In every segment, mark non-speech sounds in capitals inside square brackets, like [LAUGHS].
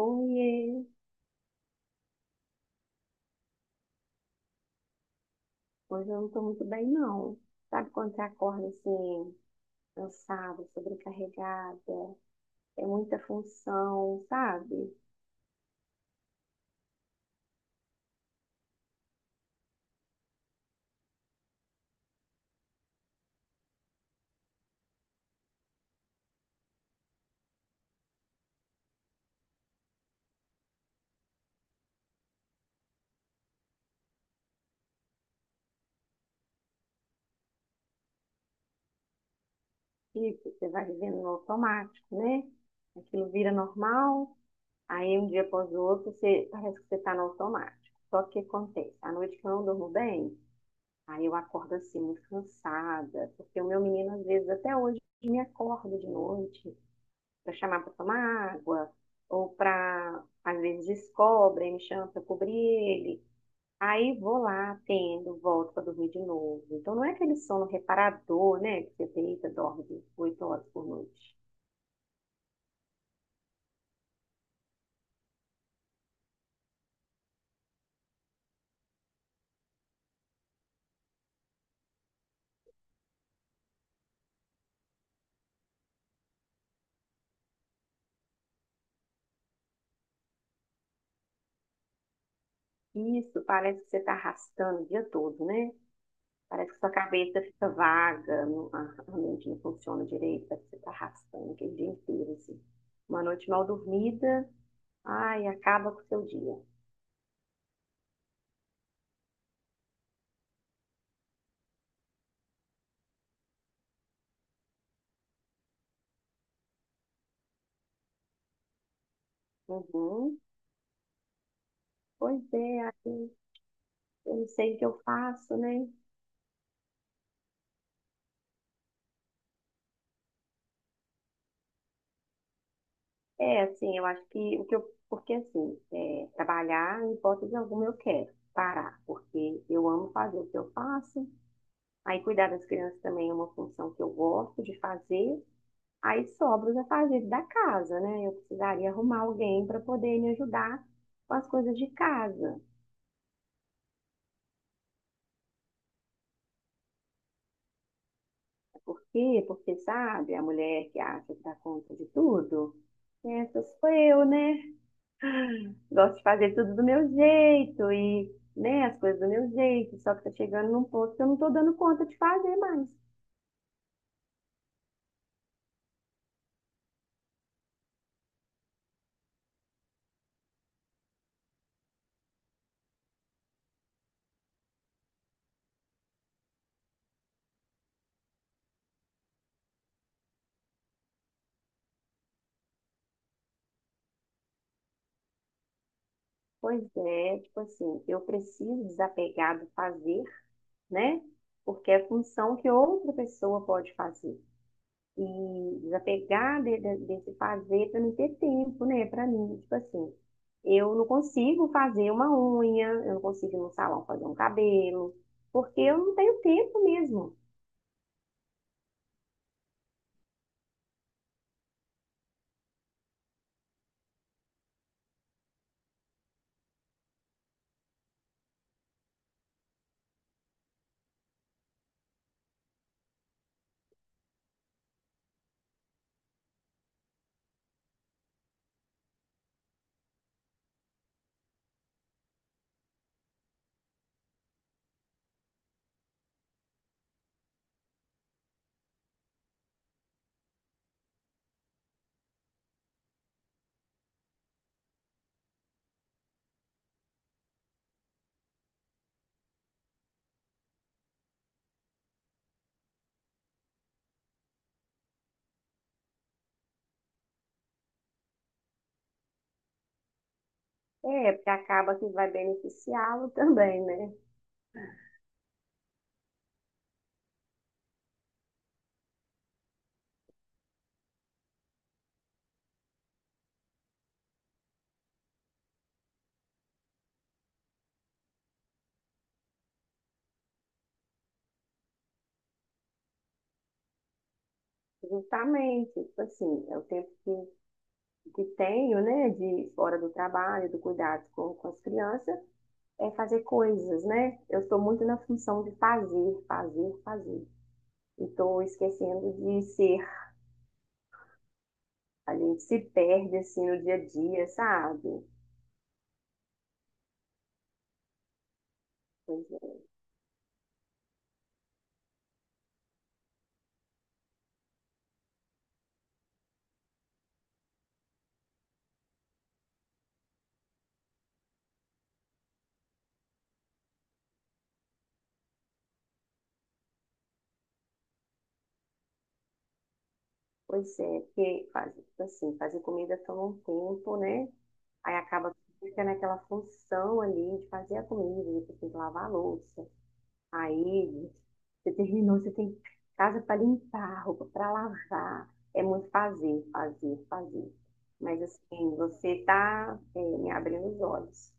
Oiê, hoje eu não tô muito bem, não. Sabe quando você acorda assim, cansada, sobrecarregada, é muita função, sabe? E você vai vivendo no automático, né? Aquilo vira normal, aí um dia após o outro, você, parece que você tá no automático. Só que o que acontece? À noite que eu não durmo bem, aí eu acordo assim, muito cansada, porque o meu menino às vezes até hoje me acorda de noite, para chamar para tomar água, ou para, às vezes, descobre, aí me chama para cobrir ele. Aí vou lá, atendo, volto para dormir de novo. Então não é aquele sono reparador, né? Que você deita, dorme 8 horas por noite. Isso parece que você está arrastando o dia todo, né? Parece que sua cabeça fica vaga, a mente não funciona direito, parece que você está arrastando aquele dia inteiro, assim. Uma noite mal dormida, ai, acaba com o seu dia. Uhum. Pois é, eu não sei o que eu faço, né? É, assim, eu acho que o que eu, porque assim, é, trabalhar, em hipótese alguma, eu quero parar, porque eu amo fazer o que eu faço. Aí cuidar das crianças também é uma função que eu gosto de fazer. Aí sobra os afazeres da casa, né? Eu precisaria arrumar alguém para poder me ajudar com as coisas de casa. Por quê? Porque, sabe, a mulher que acha que dá conta de tudo, essas sou eu, né? Gosto de fazer tudo do meu jeito e, né, as coisas do meu jeito, só que tá chegando num ponto que eu não tô dando conta de fazer mais. Pois é, tipo assim, eu preciso desapegar do fazer, né? Porque é função que outra pessoa pode fazer. E desapegar desse fazer para não ter tempo, né? Para mim, tipo assim, eu não consigo fazer uma unha, eu não consigo ir no salão fazer um cabelo, porque eu não tenho tempo mesmo. É, porque acaba que vai beneficiá-lo também, né? Justamente, tipo assim, é o tempo que tenho, né, de fora do trabalho, do cuidado com as crianças, é fazer coisas, né? Eu estou muito na função de fazer, fazer, fazer. E estou esquecendo de ser. A gente se perde, assim, no dia a dia, sabe? Pois é, pois é, porque fazer, tipo assim, fazer comida toma um tempo, né? Aí acaba que fica naquela função ali de fazer a comida, depois tem que lavar a louça. Aí você terminou, você tem casa para limpar, roupa para lavar. É muito fazer, fazer, fazer. Mas assim, você está me abrindo os olhos.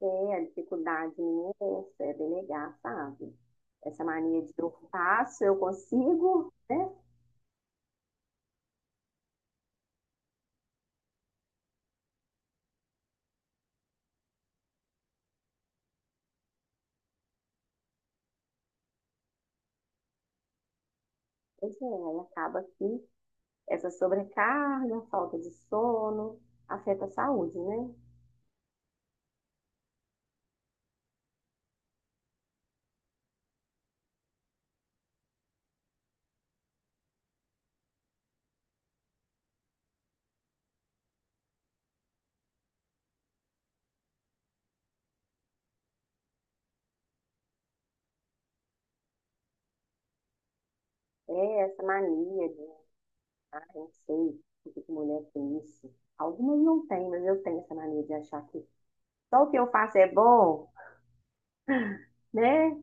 É, a dificuldade minha é essa, é delegar, sabe? Essa mania de eu faço, eu consigo, né? Pois é, aí acaba que essa sobrecarga, falta de sono, afeta a saúde, né? É essa mania de, ah, eu não sei o que que mulher tem isso. Algumas não têm, mas eu tenho essa mania de achar que só o que eu faço é bom, né?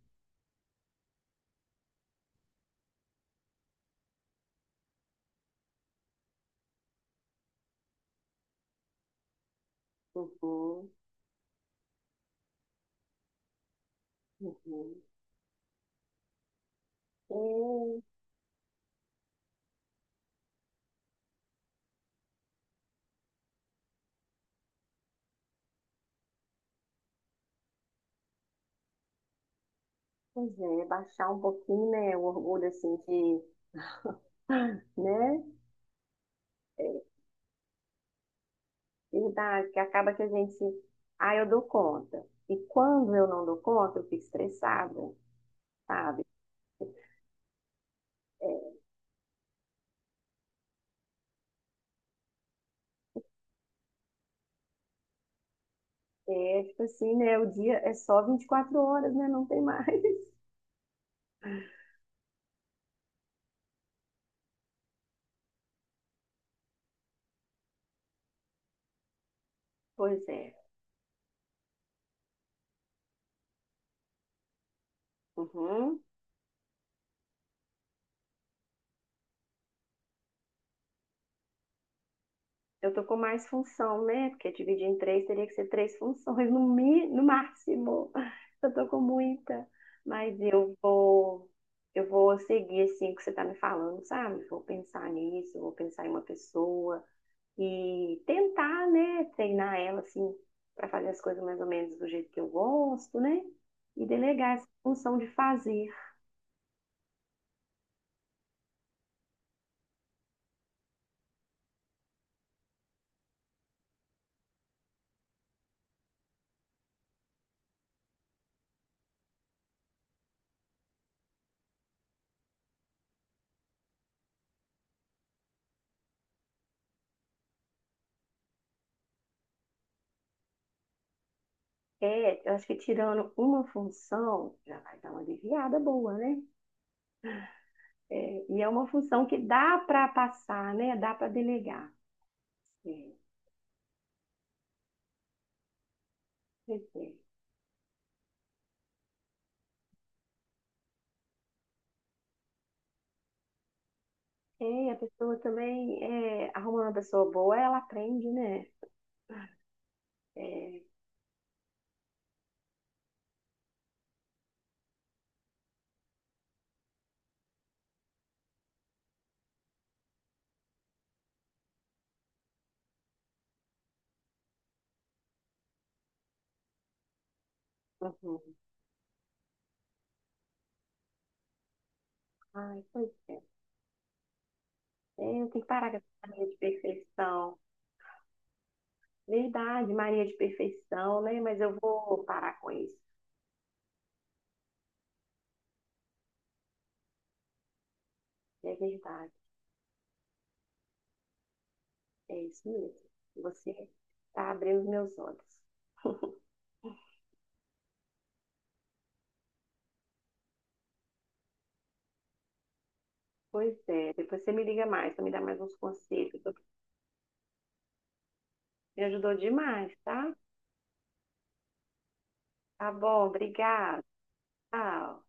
Uhum, uhum. É, pois é, baixar um pouquinho, né, o orgulho, assim, de, [GASPS] ah, né? É, verdade, que acaba que a gente, ah, eu dou conta. E quando eu não dou conta, eu fico estressada, sabe? É, é, tipo assim, né, o dia é só 24 horas, né, não tem mais. [LAUGHS] Pois é. Uhum. Eu tô com mais função, né? Porque dividir em três teria que ser três funções no, mi, no máximo. [LAUGHS] Eu tô com muita. Mas eu vou, eu vou seguir assim o que você tá me falando, sabe? Vou pensar nisso, vou pensar em uma pessoa e tentar, né? Treinar ela assim para fazer as coisas mais ou menos do jeito que eu gosto, né? E delegar essa função de fazer. É, eu acho que tirando uma função já vai dar uma aliviada boa, né? É, e é uma função que dá para passar, né? Dá para delegar. É, pois é. É, e a pessoa também, é, arrumando uma pessoa boa, ela aprende, né? É, uhum. Ai, pois é. É, eu tenho que parar com essa mania de perfeição. Verdade, Maria de perfeição, né? Mas eu vou parar com isso. É verdade, é isso mesmo. Você está abrindo os meus olhos. [LAUGHS] Pois é, depois você me liga mais, você me dá mais uns conselhos. Me ajudou demais, tá? Tá bom, obrigada. Tchau.